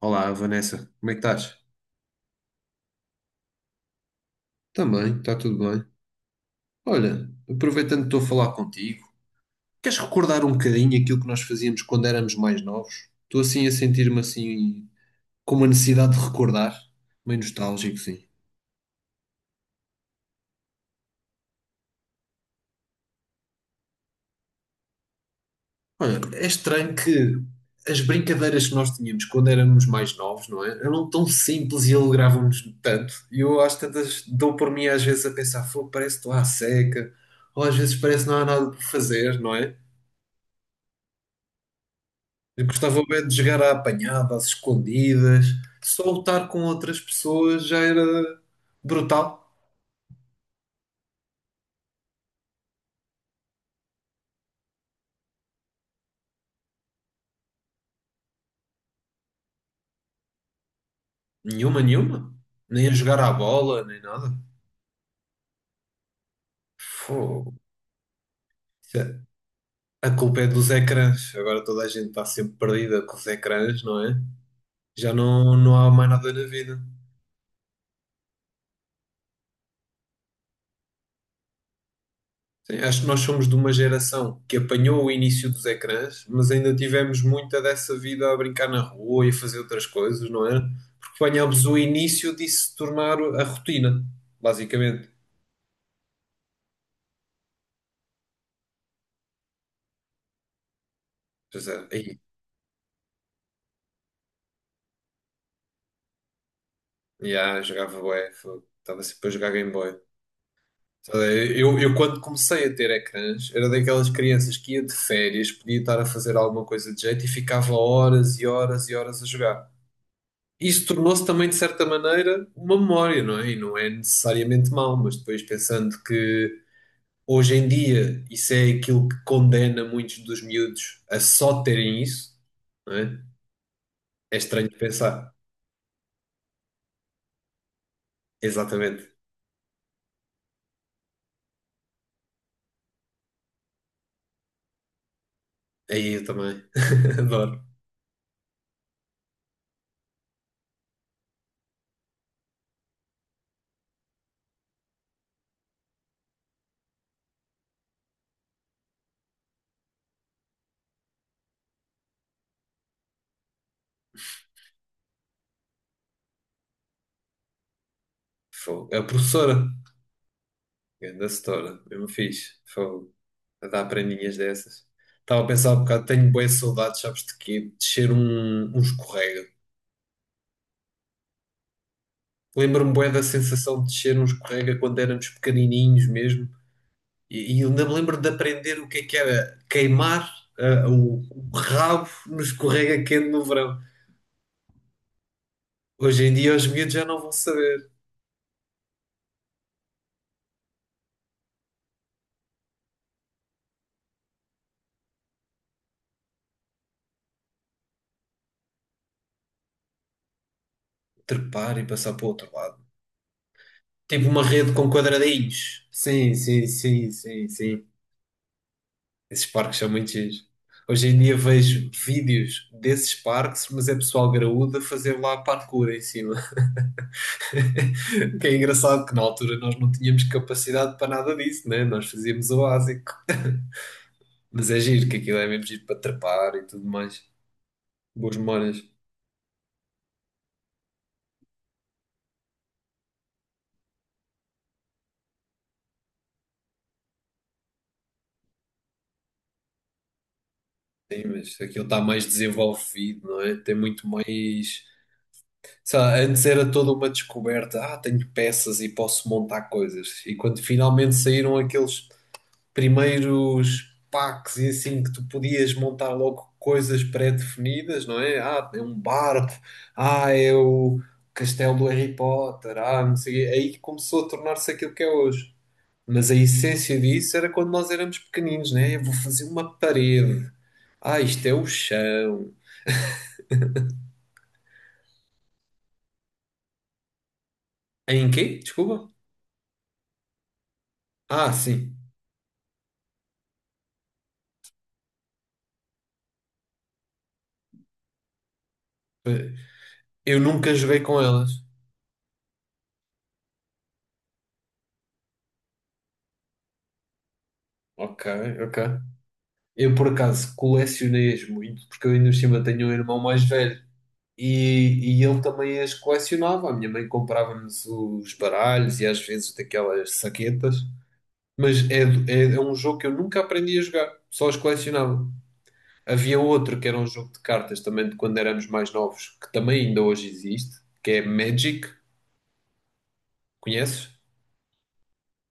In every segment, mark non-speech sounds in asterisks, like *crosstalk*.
Olá, Vanessa, como é que estás? Também, está tudo bem. Olha, aproveitando que estou a falar contigo, queres recordar um bocadinho aquilo que nós fazíamos quando éramos mais novos? Estou assim a sentir-me assim com uma necessidade de recordar, meio nostálgico, sim. Olha, é estranho que as brincadeiras que nós tínhamos quando éramos mais novos, não é? Eram tão simples e alegravam-nos tanto. E eu às tantas dou por mim às vezes a pensar, fogo, parece que estou à seca, ou às vezes parece que não há nada por fazer, não é? Eu gostava bem de jogar à apanhada, às escondidas. Só lutar com outras pessoas já era brutal. Nenhuma, nenhuma. Nem a jogar à bola, nem nada. Fogo. Isso é- A culpa é dos ecrãs. Agora toda a gente está sempre perdida com os ecrãs, não é? Já não, não há mais nada na vida. Sim, acho que nós somos de uma geração que apanhou o início dos ecrãs, mas ainda tivemos muita dessa vida a brincar na rua e a fazer outras coisas, não é? Porque apanhámos o início de se tornar a rotina, basicamente. Pois é, aí, já jogava bué, fogo, estava sempre a jogar Game Boy. Sabe, eu quando comecei a ter ecrãs, era daquelas crianças que ia de férias, podia estar a fazer alguma coisa de jeito e ficava horas e horas e horas a jogar. Isso tornou-se também, de certa maneira, uma memória, não é? E não é necessariamente mau, mas depois pensando que hoje em dia isso é aquilo que condena muitos dos miúdos a só terem isso, não é? É estranho de pensar. Exatamente. Aí eu também. *laughs* Adoro. Fogo. A professora, grande setora, mesmo fixe. Fogo. A dar prendinhas dessas. Estava a pensar um bocado, tenho boas saudades, sabes de quê? De ser um escorrega. Lembro-me bem da sensação de descer um escorrega quando éramos pequenininhos mesmo. E ainda me lembro de aprender o que é que era queimar o rabo no escorrega quente no verão. Hoje em dia os miúdos já não vão saber trepar e passar para o outro lado. Tipo uma rede com quadradinhos. Sim, sim, sim, sim, sim. Esses parques são muito giros. Hoje em dia vejo vídeos desses parques, mas é pessoal graúdo a fazer lá parkour em cima. Que é engraçado que na altura nós não tínhamos capacidade para nada disso, né? Nós fazíamos o básico. Mas é giro, que aquilo é mesmo giro para trepar e tudo mais. Boas memórias. Sim, mas aquilo está mais desenvolvido, não é? Tem muito mais. Sei lá, antes era toda uma descoberta. Ah, tenho peças e posso montar coisas. E quando finalmente saíram aqueles primeiros packs e assim que tu podias montar logo coisas pré-definidas, não é? Ah, é um barco, ah, é o castelo do Harry Potter, ah, não sei, o quê. Aí começou a tornar-se aquilo que é hoje. Mas a essência disso era quando nós éramos pequeninos, né? Eu vou fazer uma parede. Ah, isto é o chão. Em quê? Desculpa? Ah, sim. Eu nunca joguei com elas. Ok, ok. Eu por acaso colecionei-as muito, porque eu ainda por cima tenho um irmão mais velho. E ele também as colecionava. A minha mãe comprava-nos os baralhos e às vezes daquelas saquetas. Mas é um jogo que eu nunca aprendi a jogar, só os colecionava. Havia outro que era um jogo de cartas também de quando éramos mais novos, que também ainda hoje existe, que é Magic. Conheces?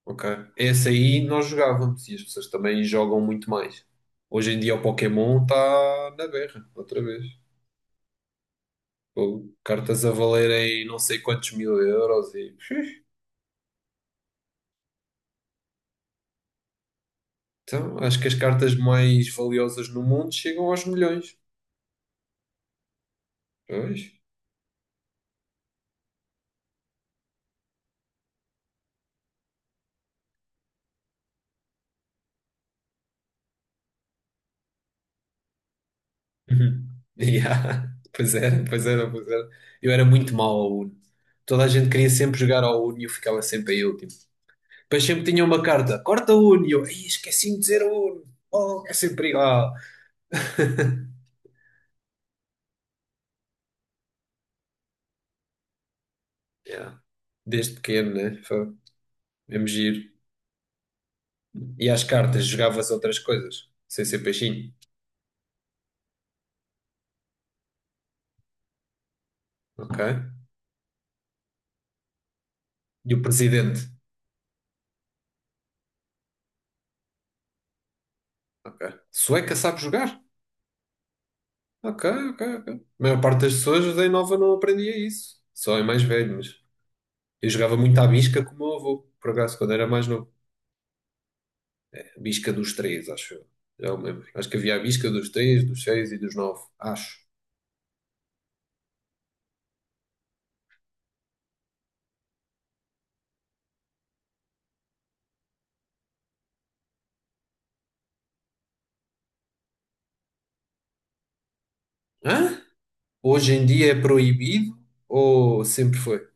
Ok. Esse aí nós jogávamos e as pessoas também jogam muito mais. Hoje em dia o Pokémon está na berra, outra vez. Pô, cartas a valerem não sei quantos mil euros e. *laughs* Então, acho que as cartas mais valiosas no mundo chegam aos milhões. Pois. Uhum. *laughs* Yeah. Pois era, pois era, pois era. Eu era muito mau ao Uno. Toda a gente queria sempre jogar ao Uno e eu ficava sempre em último. Depois sempre tinha uma carta, corta o Uno. E eu, "Ih, esqueci-me de dizer o Uno. Oh, é sempre igual. Yeah. Desde pequeno, né? Foi mesmo giro. E às cartas jogavas outras coisas, sem ser peixinho. Ok. E o presidente. Ok. Sueca sabe jogar? Ok, ok, ok. A maior parte das pessoas da nova não aprendia isso. Só é mais velho, mas eu jogava muito à bisca com o meu avô, por acaso, quando era mais novo. A bisca dos três, acho eu. Já me lembro. Acho que havia a bisca dos três, dos seis e dos nove, acho. Hã? Hoje em dia é proibido ou sempre foi?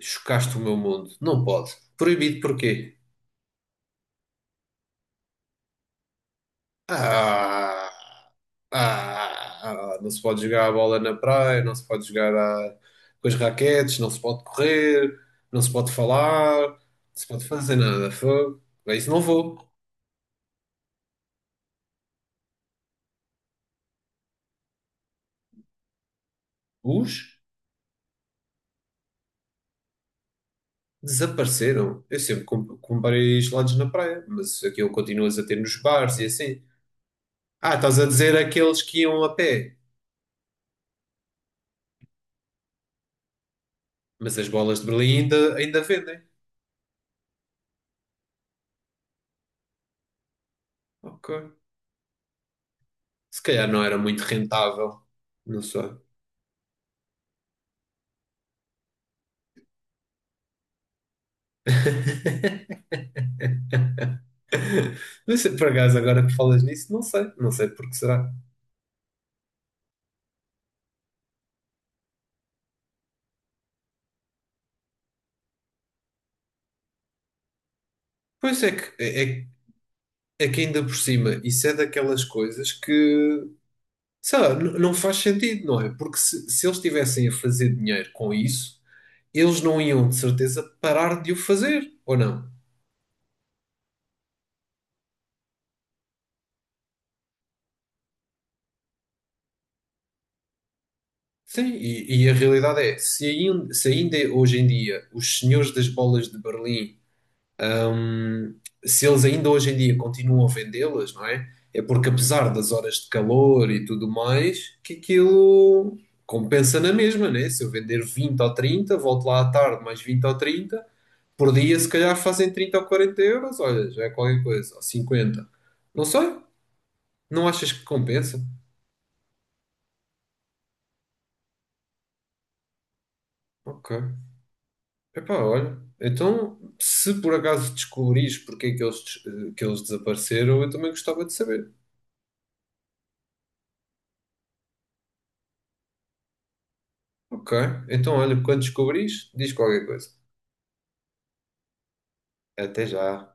Chocaste o meu mundo. Não pode. Proibido porquê? Ah! Ah, ah, não se pode jogar a bola na praia, não se pode jogar com as raquetes, não se pode correr, não se pode falar, não se pode fazer nada. Fogo. Para isso não vou. Os desapareceram. Eu sempre comprei gelados na praia, mas aquilo continuas a ter nos bares e assim. Ah, estás a dizer aqueles que iam a pé, mas as bolas de Berlim ainda vendem. Ok. Se calhar não era muito rentável. Não sei. *laughs* *laughs* Mas por acaso, agora que falas nisso, não sei, não sei porque será. Pois é que, é, é é que ainda por cima, isso é daquelas coisas que, sei lá, não faz sentido, não é? Porque se eles estivessem a fazer dinheiro com isso, eles não iam de certeza parar de o fazer, ou não? Sim, e a realidade é, se ainda hoje em dia os senhores das bolas de Berlim se eles ainda hoje em dia continuam a vendê-las, não é? É porque apesar das horas de calor e tudo mais, que aquilo compensa na mesma, né? Se eu vender 20 ou 30, volto lá à tarde mais 20 ou 30, por dia se calhar fazem 30 ou 40 euros, olha, já é qualquer coisa, ou 50. Não sei, não achas que compensa? Ok. Epá, olha, então se por acaso descobrires porque é que que eles desapareceram, eu também gostava de saber. Ok. Então, olha, quando descobrires, diz qualquer coisa. Até já.